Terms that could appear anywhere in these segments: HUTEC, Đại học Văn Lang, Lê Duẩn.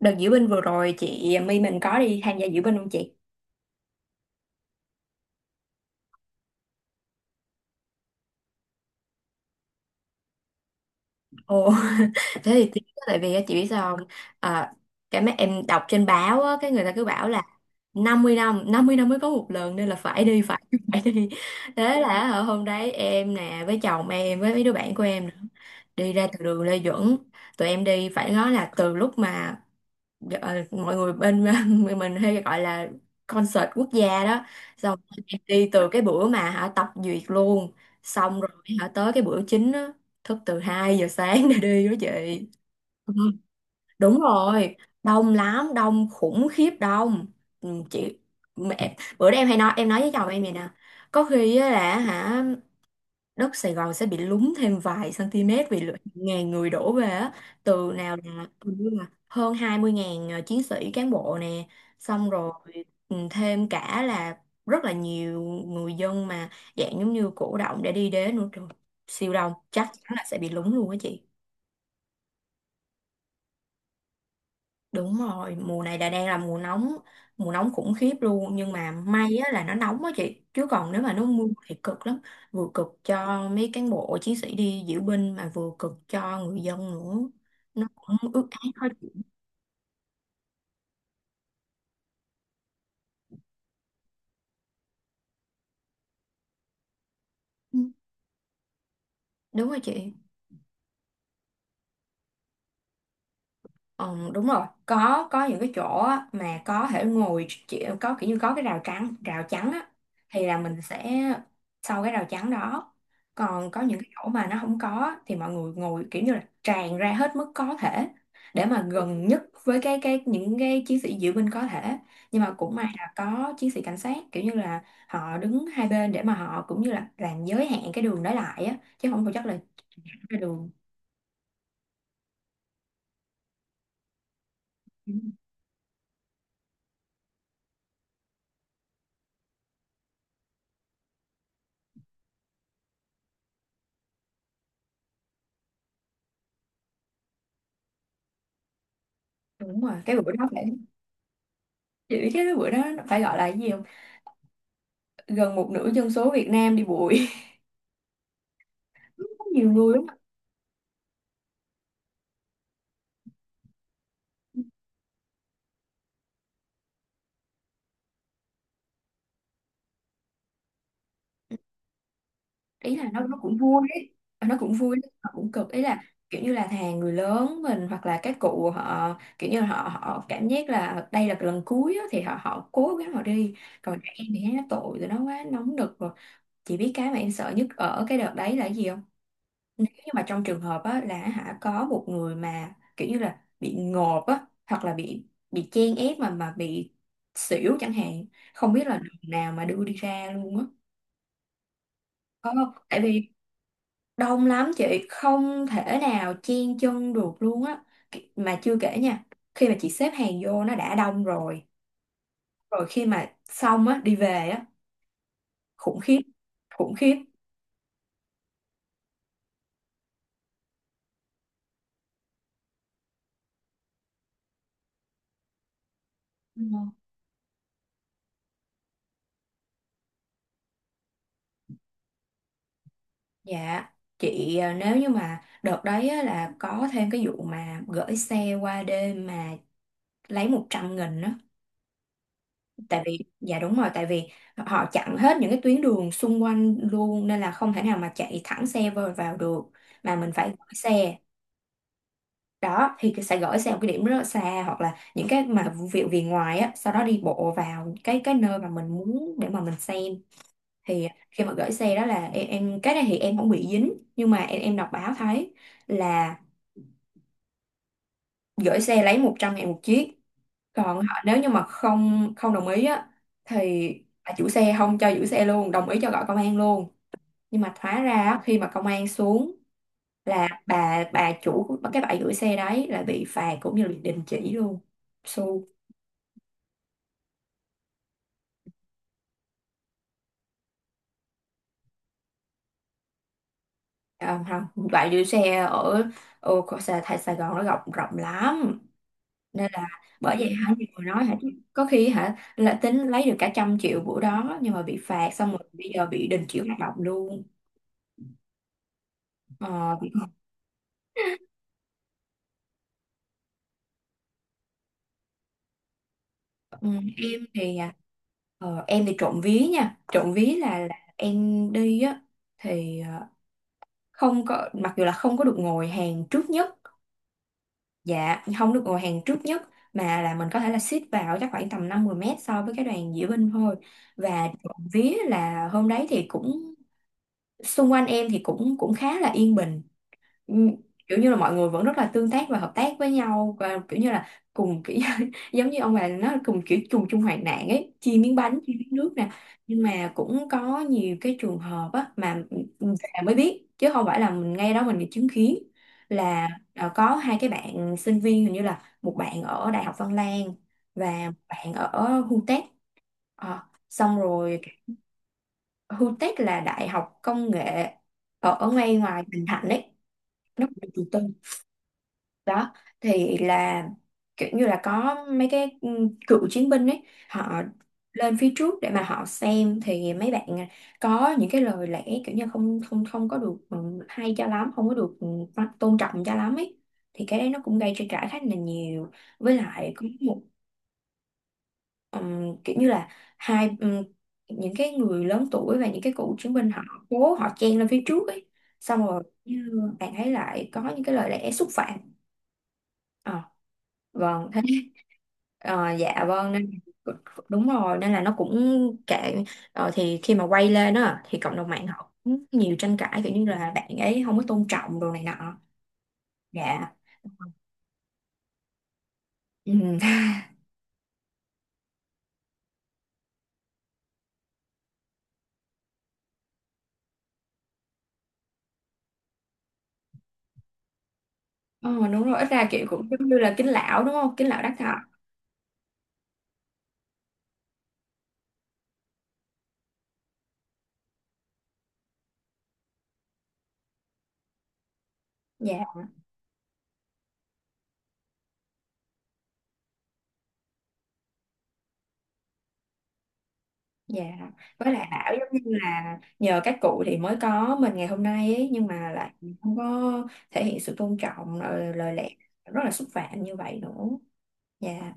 Đợt diễu binh vừa rồi chị My mình có đi tham gia diễu binh không chị? Ồ, thế thì tiếc quá, tại vì á, chị biết sao không? À, cái mấy em đọc trên báo á, cái người ta cứ bảo là 50 năm, 50 năm mới có một lần nên là phải đi, phải đi, phải đi. Thế là ở hôm đấy em nè, với chồng em, với mấy đứa bạn của em nữa, đi ra từ đường Lê Duẩn. Tụi em đi phải nói là từ lúc mà mọi người bên mình hay gọi là concert quốc gia đó. Xong em đi từ cái bữa mà họ tập duyệt luôn. Xong rồi họ tới cái bữa chính đó thức từ 2 giờ sáng để đi đó chị. Ừ, đúng rồi, đông lắm, đông khủng khiếp đông. Chị mẹ, bữa đó em hay nói, em nói với chồng em vậy nè, có khi á là hả đất Sài Gòn sẽ bị lún thêm vài cm vì lượng ngàn người đổ về á, từ nào là hình như là hơn 20.000 chiến sĩ cán bộ nè, xong rồi thêm cả là rất là nhiều người dân mà dạng giống như cổ động để đi đến nữa trời, siêu đông, chắc chắn là sẽ bị lún luôn á chị. Đúng rồi, mùa này là đang là mùa nóng khủng khiếp luôn, nhưng mà may á, là nó nóng á chị, chứ còn nếu mà nó mưa thì cực lắm, vừa cực cho mấy cán bộ chiến sĩ đi diễu binh mà vừa cực cho người dân nữa. Nó cũng ướt át hết. Ừ, đúng rồi chị. Ờ, đúng rồi, có những cái chỗ á, mà có thể ngồi chỉ, có kiểu như có cái rào trắng, rào trắng á, thì là mình sẽ sau cái rào trắng đó, còn có những cái chỗ mà nó không có á, thì mọi người ngồi kiểu như là tràn ra hết mức có thể, để mà gần nhất với cái những cái chiến sĩ diễu binh có thể. Nhưng mà cũng may là có chiến sĩ cảnh sát kiểu như là họ đứng hai bên để mà họ cũng như là làm giới hạn cái đường đó lại á, chứ không phải chắc là ra đường. Đúng rồi cái bữa đó phải. Chị biết cái bữa đó nó phải gọi là cái gì không? Gần một nửa dân số Việt Nam đi bụi. Nhiều người lắm. Ý là nó cũng vui ấy. Ờ, nó cũng vui, nó cũng cực. Ý là kiểu như là thà người lớn mình hoặc là các cụ, họ kiểu như là họ họ cảm giác là đây là cái lần cuối á, thì họ họ cố gắng họ đi. Còn trẻ em thì thấy nó tội rồi, nó quá nóng nực rồi. Chị biết cái mà em sợ nhất ở cái đợt đấy là cái gì không? Nếu như mà trong trường hợp á, là hả có một người mà kiểu như là bị ngộp á, hoặc là bị chen ép mà bị xỉu chẳng hạn, không biết là đường nào mà đưa đi ra luôn á, có không? Tại vì đông lắm chị, không thể nào chen chân được luôn á. Mà chưa kể nha, khi mà chị xếp hàng vô nó đã đông rồi, rồi khi mà xong á đi về á, khủng khiếp, khủng khiếp. Dạ, chị à, nếu như mà đợt đấy á, là có thêm cái vụ mà gửi xe qua đêm mà lấy 100.000 á. Tại vì, dạ đúng rồi, tại vì họ chặn hết những cái tuyến đường xung quanh luôn, nên là không thể nào mà chạy thẳng xe vào, được, mà mình phải gửi xe. Đó, thì sẽ gửi xe một cái điểm rất là xa, hoặc là những cái mà vụ việc về ngoài á, sau đó đi bộ vào cái nơi mà mình muốn để mà mình xem. Thì khi mà gửi xe đó là em cái này thì em không bị dính, nhưng mà em đọc báo thấy là gửi xe lấy 100.000 một chiếc, còn họ nếu như mà không không đồng ý á, thì bà chủ xe không cho giữ xe luôn, đồng ý cho gọi công an luôn. Nhưng mà hóa ra á, khi mà công an xuống là bà chủ của cái bãi giữ xe đấy là bị phạt, cũng như là đình chỉ luôn. su À, không, bãi giữ xe ở ở Sài, Sài Sài Gòn nó rộng rộng lắm, nên là bởi vậy hả nhiều người nói hả chứ, có khi hả là tính lấy được cả 100 triệu bữa đó, nhưng mà bị phạt, xong rồi bây giờ bị đình chỉ hoạt động luôn. Ờ, ừ, em thì à, em thì trộm vía nha, trộm vía là em đi á, thì không có, mặc dù là không có được ngồi hàng trước nhất, dạ không được ngồi hàng trước nhất, mà là mình có thể là xít vào chắc khoảng tầm 50 mét so với cái đoàn diễu binh thôi. Và trộm vía là hôm đấy thì cũng xung quanh em thì cũng cũng khá là yên bình, ừ, kiểu như là mọi người vẫn rất là tương tác và hợp tác với nhau, và kiểu như là cùng kiểu giống như ông bà nó, cùng kiểu chung chung hoạn nạn ấy, chia miếng bánh, chia miếng nước nè. Nhưng mà cũng có nhiều cái trường hợp á mà về mới biết, chứ không phải là mình ngay đó mình chứng kiến, là à, có hai cái bạn sinh viên, hình như là một bạn ở Đại học Văn Lang và một bạn ở HUTEC. Ờ, xong rồi HUTEC là đại học công nghệ ở, ở ngay ngoài Bình Thạnh đấy, nó cũng là trường tư đó. Thì là kiểu như là có mấy cái cựu chiến binh ấy, họ lên phía trước để mà họ xem, thì mấy bạn à, có những cái lời lẽ kiểu như không không không có được, hay cho lắm, không có được, tôn trọng cho lắm ấy. Thì cái đấy nó cũng gây tranh cãi khá là nhiều, với lại có một kiểu như là hai những cái người lớn tuổi và những cái cựu chiến binh họ cố họ chen lên phía trước ấy, xong rồi như bạn thấy lại có những cái lời lẽ xúc phạm. Ờ, vâng thế. Dạ vâng nên đúng rồi, nên là nó cũng kệ. Thì khi mà quay lên á thì cộng đồng mạng họ cũng nhiều tranh cãi, kiểu như là bạn ấy không có tôn trọng đồ này nọ. Dạ. Ừ. Ờ, đúng rồi, ít ra kiểu cũng giống như là kính lão đúng không, kính lão đắc thọ. Dạ, dạ. Với lại bảo giống như là nhờ các cụ thì mới có mình ngày hôm nay ấy, nhưng mà lại không có thể hiện sự tôn trọng, lời lẽ rất là xúc phạm như vậy nữa. Dạ.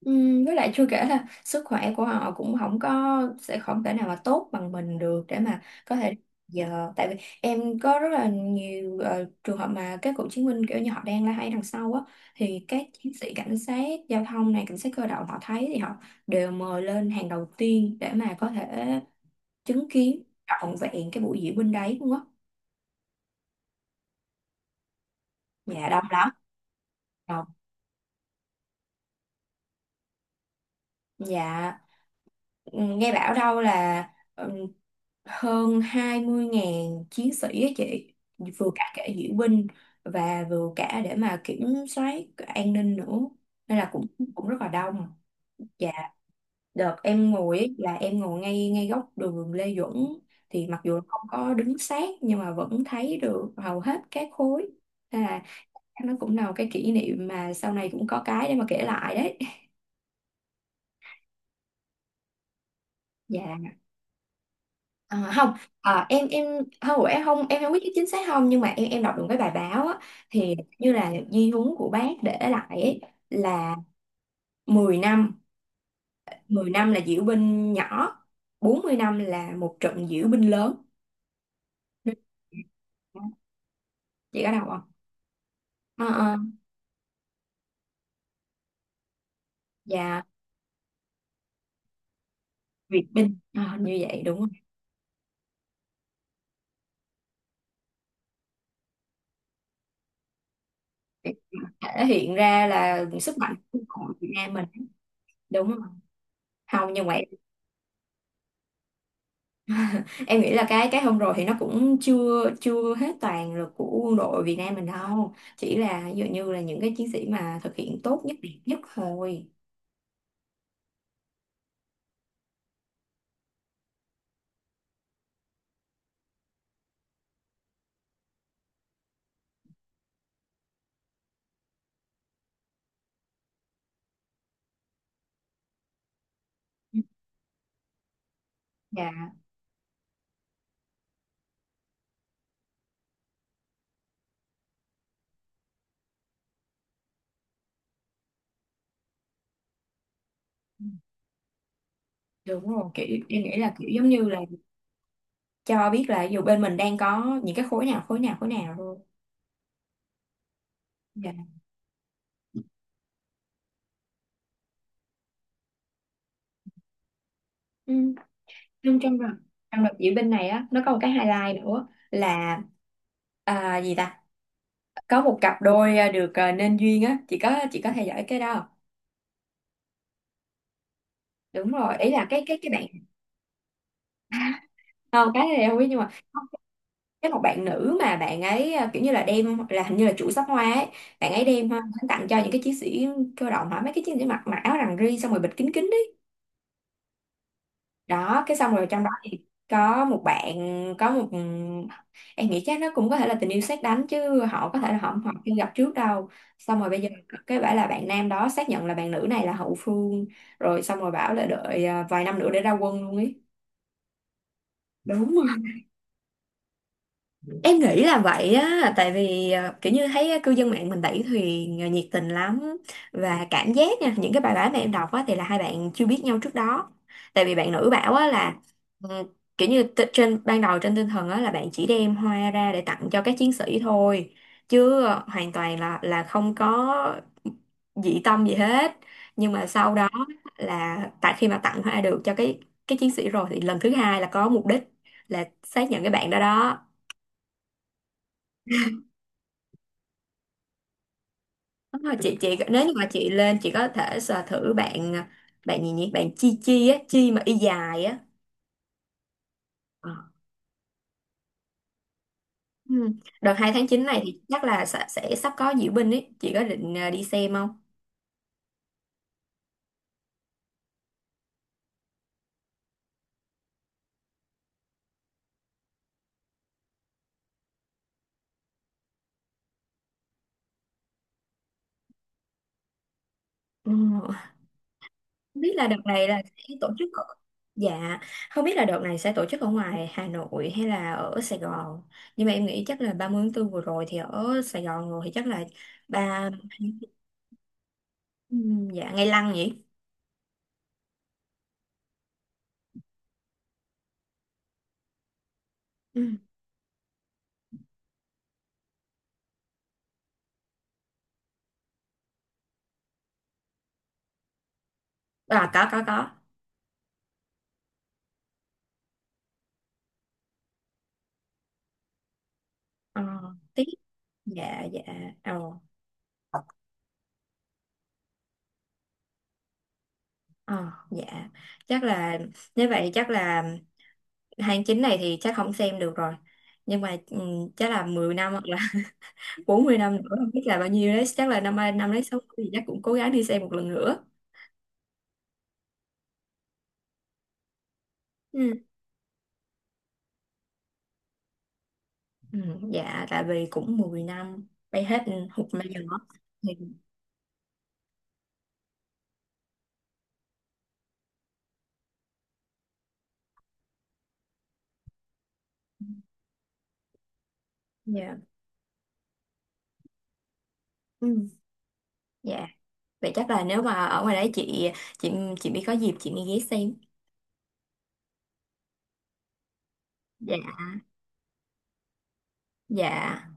Với lại chưa kể là sức khỏe của họ cũng không có, sẽ không thể nào mà tốt bằng mình được để mà có thể giờ. Tại vì em có rất là nhiều trường hợp mà các cựu chiến binh kiểu như họ đang la hay đằng sau á, thì các chiến sĩ cảnh sát giao thông này, cảnh sát cơ động họ thấy thì họ đều mời lên hàng đầu tiên để mà có thể chứng kiến trọn vẹn cái buổi diễu binh đấy luôn á. Dạ đông lắm, đông. Dạ. Ừ, nghe bảo đâu là ừ, hơn 20.000 chiến sĩ á chị, vừa cả cả diễu binh và vừa cả để mà kiểm soát an ninh nữa, nên là cũng cũng rất là đông. Dạ. Đợt em ngồi ấy, là em ngồi ngay ngay góc đường Lê Duẩn, thì mặc dù không có đứng sát nhưng mà vẫn thấy được hầu hết các khối, nên là nó cũng là một cái kỷ niệm mà sau này cũng có cái để mà kể lại đấy. Dạ. À, không, em không, em không, em không biết chính xác không, nhưng mà em đọc được cái bài báo á, thì như là di huấn của bác để lại ấy, là 10 năm 10 năm là diễu binh nhỏ, 40 năm là một trận diễu binh lớn. Chị có đọc không? Ờ, ờ, và Việt binh. Ờ, như vậy đúng không? Thể hiện ra là sức mạnh của Việt Nam mình, đúng không? Không nhưng mà em nghĩ là cái hôm rồi thì nó cũng chưa chưa hết toàn lực của quân đội Việt Nam mình đâu, chỉ là ví dụ như là những cái chiến sĩ mà thực hiện tốt nhất, đẹp nhất thôi. Dạ. Đúng rồi, kiểu em nghĩ là kiểu giống như là cho biết là dù bên mình đang có những cái khối nào, khối nào, khối nào thôi. Dạ. Ừ. trong trong đợt diễu binh này á, nó có một cái highlight nữa là, à, gì ta, có một cặp đôi, à, được, à, nên duyên á, chị có, chị có theo dõi cái đó không? Đúng rồi, ý là cái Ờ, cái này không biết nhưng mà cái một bạn nữ mà bạn ấy, à, kiểu như là đem, là hình như là chủ sắc hoa ấy, bạn ấy đem hoa đến tặng cho những cái chiến sĩ cơ động hả, mấy cái chiến sĩ mặc mặc áo rằn ri xong rồi bịt kín kín đấy đó, cái xong rồi trong đó thì có một bạn, có một ừ, em nghĩ chắc nó cũng có thể là tình yêu sét đánh chứ họ có thể là họ họ chưa gặp trước đâu, xong rồi bây giờ cái bảo là bạn nam đó xác nhận là bạn nữ này là hậu phương rồi, xong rồi bảo là đợi, à, vài năm nữa để ra quân luôn ấy. Đúng. Em nghĩ là vậy á, tại vì kiểu như thấy cư dân mạng mình đẩy thuyền nhiệt tình lắm, và cảm giác nha, những cái bài báo mà em đọc á thì là hai bạn chưa biết nhau trước đó. Tại vì bạn nữ bảo á là ừ, kiểu như trên ban đầu, trên tinh thần á là bạn chỉ đem hoa ra để tặng cho các chiến sĩ thôi, chứ hoàn toàn là không có dị tâm gì hết. Nhưng mà sau đó là tại khi mà tặng hoa được cho cái chiến sĩ rồi thì lần thứ hai là có mục đích là xác nhận cái bạn đó đó. Đúng rồi, chị nếu như mà chị lên chị có thể sờ thử bạn, bạn gì nhỉ, bạn chi chi á, chi mà y dài á. Ờ. Ừ. Đợt 2 tháng 9 này thì chắc là sẽ sắp có diễu binh ấy, chị có định, đi xem không? Ừ. Không biết là đợt này là sẽ tổ chức ở... Dạ, không biết là đợt này sẽ tổ chức ở ngoài Hà Nội hay là ở Sài Gòn, nhưng mà em nghĩ chắc là 30 tháng 4 vừa rồi thì ở Sài Gòn rồi thì chắc là ba, ừ, dạ ngày lăng nhỉ. Ừ. À, có có. Ờ. Tí. Dạ dạ. Ồ. Ờ. Dạ. Chắc là, nếu vậy chắc là tháng 9 này thì chắc không xem được rồi, nhưng mà chắc là 10 năm hoặc là 40 năm nữa không biết là bao nhiêu đấy, chắc là năm nay năm đấy sáu thì chắc cũng cố gắng đi xem một lần nữa. Ừ. Ừ, dạ tại vì cũng 10 năm bay hết hụt bây giờ đó thì. Dạ. Ừ. Dạ, vậy chắc là nếu mà ở ngoài đấy chị chị mới có dịp chị đi ghé xem. Dạ. Dạ.